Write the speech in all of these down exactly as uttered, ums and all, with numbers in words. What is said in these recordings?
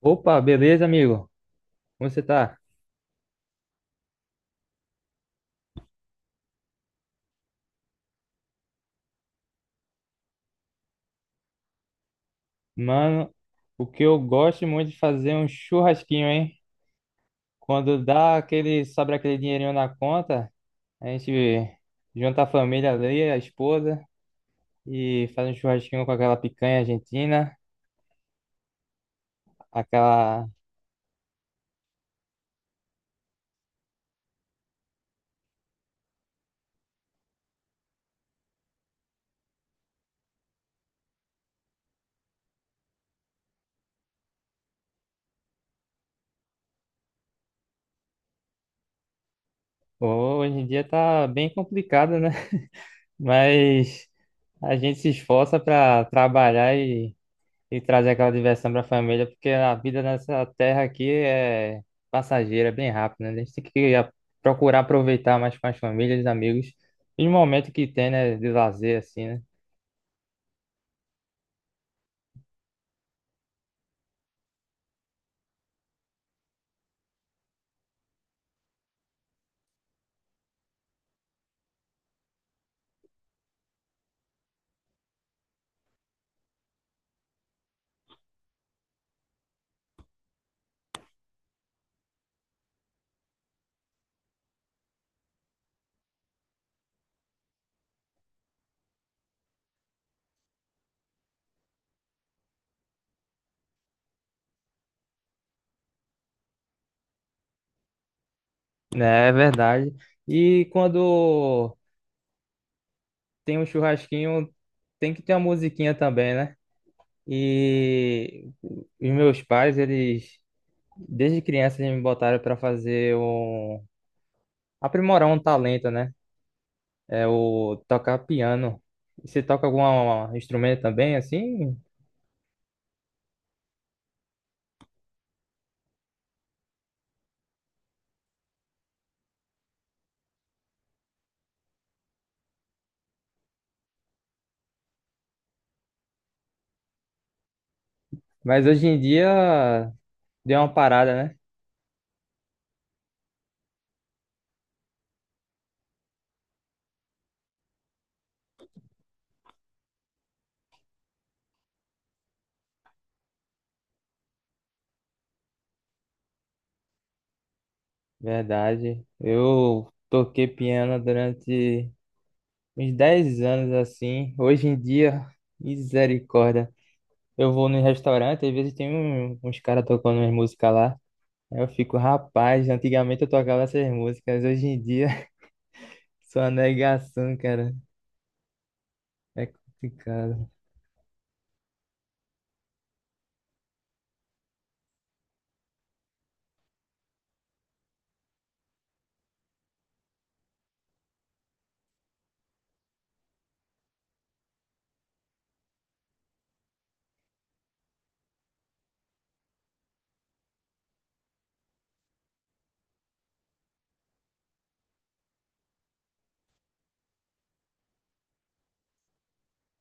Opa, beleza, amigo? Como você tá? Mano, o que eu gosto muito de fazer é um churrasquinho, hein? Quando dá aquele, sobra aquele dinheirinho na conta, a gente junta a família ali, a esposa, e faz um churrasquinho com aquela picanha argentina, aquela... Hoje em dia tá bem complicado, né? Mas a gente se esforça pra trabalhar e trazer aquela diversão para a família, porque a vida nessa terra aqui é passageira, é bem rápida, né? A gente tem que a- procurar aproveitar mais com as famílias, os amigos, e o momento que tem, né, de lazer, assim, né? Né, é verdade. E quando tem um churrasquinho, tem que ter uma musiquinha também, né? E os meus pais, eles, desde criança, eles me botaram para fazer um... aprimorar um talento, né? É o tocar piano. Você toca algum instrumento também, assim? Mas hoje em dia deu uma parada, né? Verdade. Eu toquei piano durante uns dez anos, assim. Hoje em dia, misericórdia. Eu vou no restaurante, às vezes tem um- uns caras tocando umas músicas lá. Aí eu fico, rapaz, antigamente eu tocava essas músicas, hoje em dia, só uma negação, cara. É complicado.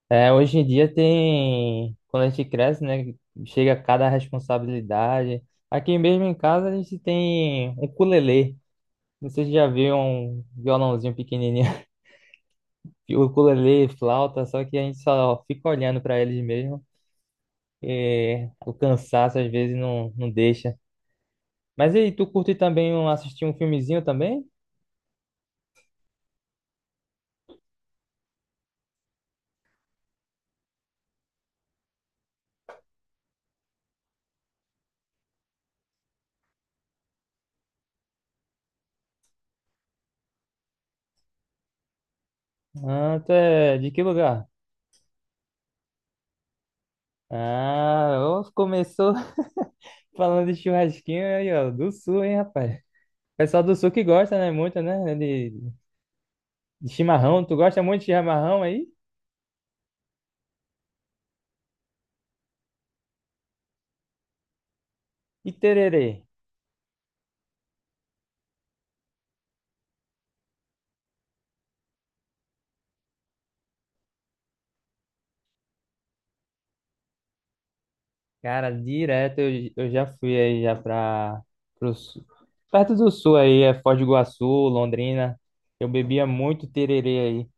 É, hoje em dia tem, quando a gente cresce, né, chega cada responsabilidade. Aqui mesmo em casa a gente tem um ukulele. Não sei se já viu um violãozinho pequenininho. O ukulele, flauta, só que a gente só fica olhando para eles mesmo. E o cansaço às vezes não, não deixa. Mas e aí, tu curte também um- assistir um filmezinho também? Ah, tu é de que lugar? Ah, ó, começou falando de churrasquinho aí, ó, do sul, hein, rapaz? Pessoal do sul que gosta, né? Muito, né? De, de chimarrão. Tu gosta muito de chimarrão aí? E tererê? Cara, direto eu, eu já fui aí já pra, pro sul. Perto do sul aí, é Foz do Iguaçu, Londrina. Eu bebia muito tererê aí.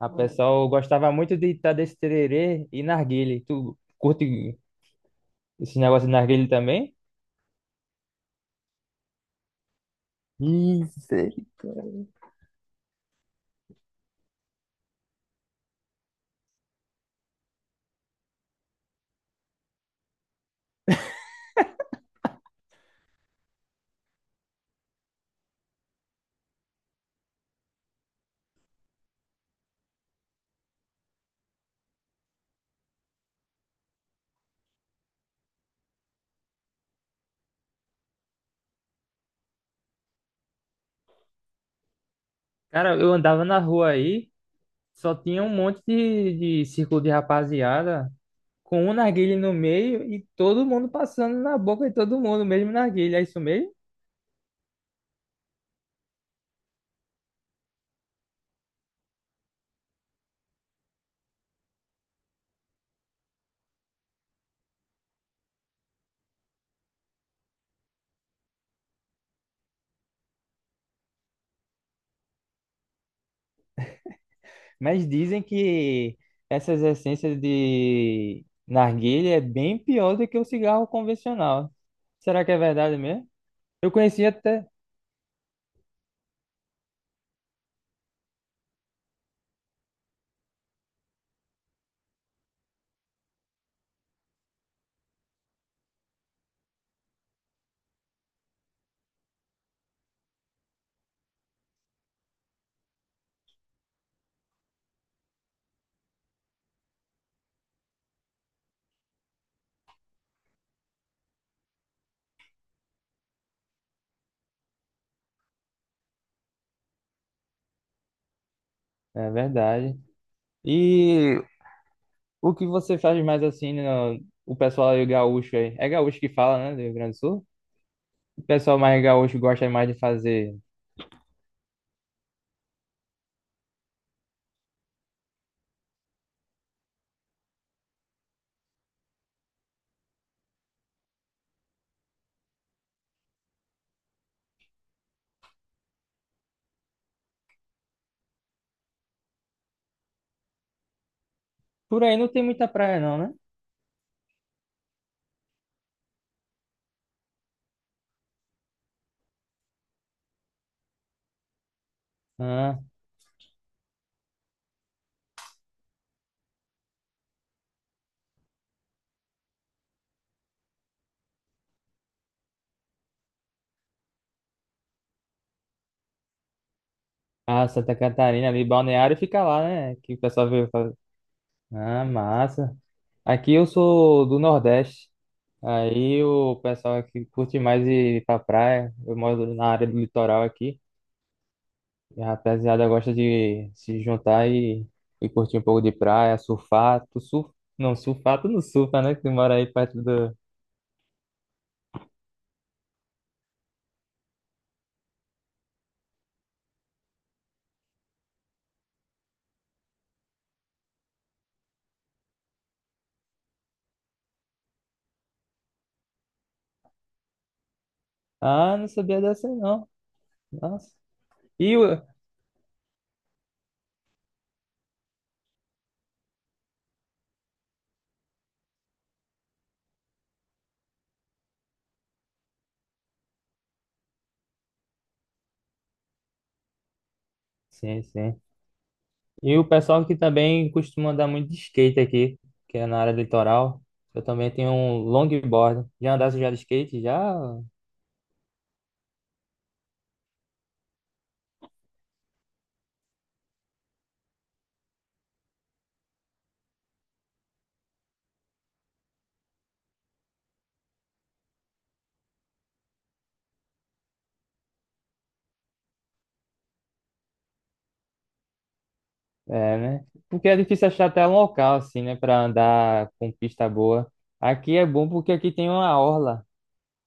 A pessoal gostava muito de estar desse tererê e narguilé. Tu curte esse negócio de narguilé também? Isso. Cara, eu andava na rua aí, só tinha um monte de, de círculo de rapaziada, com um narguilé no meio e todo mundo passando na boca de todo mundo, mesmo narguilé, é isso mesmo? Mas dizem que essas essências de narguilé é bem pior do que o cigarro convencional. Será que é verdade mesmo? Eu conheci até. É verdade. E o que você faz mais assim, no, o pessoal aí gaúcho aí? É gaúcho que fala, né, do Rio Grande do Sul? O pessoal mais gaúcho gosta mais de fazer. Por aí não tem muita praia, não, né? Ah, ah, Santa Catarina ali, Balneário fica lá, né? Que o pessoal veio fazer. Ah, massa. Aqui eu sou do Nordeste. Aí o pessoal aqui curte mais ir pra praia. Eu moro na área do litoral aqui. E a rapaziada gosta de se juntar e, e curtir um pouco de praia, surfar. Tu surf... Não, surfar tu não surfa, né? Que tu mora aí perto do. Ah, não sabia dessa aí, não. Nossa. E o. Sim, sim. E o pessoal que também costuma andar muito de skate aqui, que é na área do litoral. Eu também tenho um longboard. Já andasse já de skate? Já, é, né? Porque é difícil achar até um local, assim, né? Pra andar com pista boa. Aqui é bom porque aqui tem uma orla.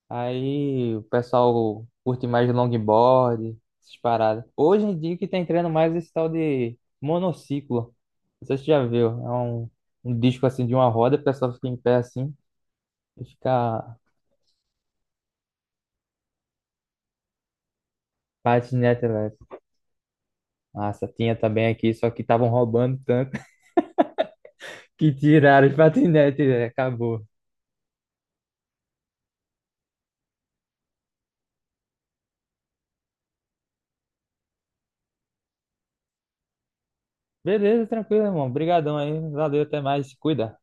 Aí o pessoal curte mais longboard, essas paradas. Hoje em dia que tá entrando mais esse tal de monociclo. Não sei se você já viu. É um, um disco, assim, de uma roda. O pessoal fica em pé, assim, e fica. Patinete elétrico. Nossa, tinha também aqui, só que estavam roubando tanto que tiraram os patinetes, velho. Acabou. Beleza, tranquilo, irmão. Obrigadão aí. Valeu, até mais. Se cuida.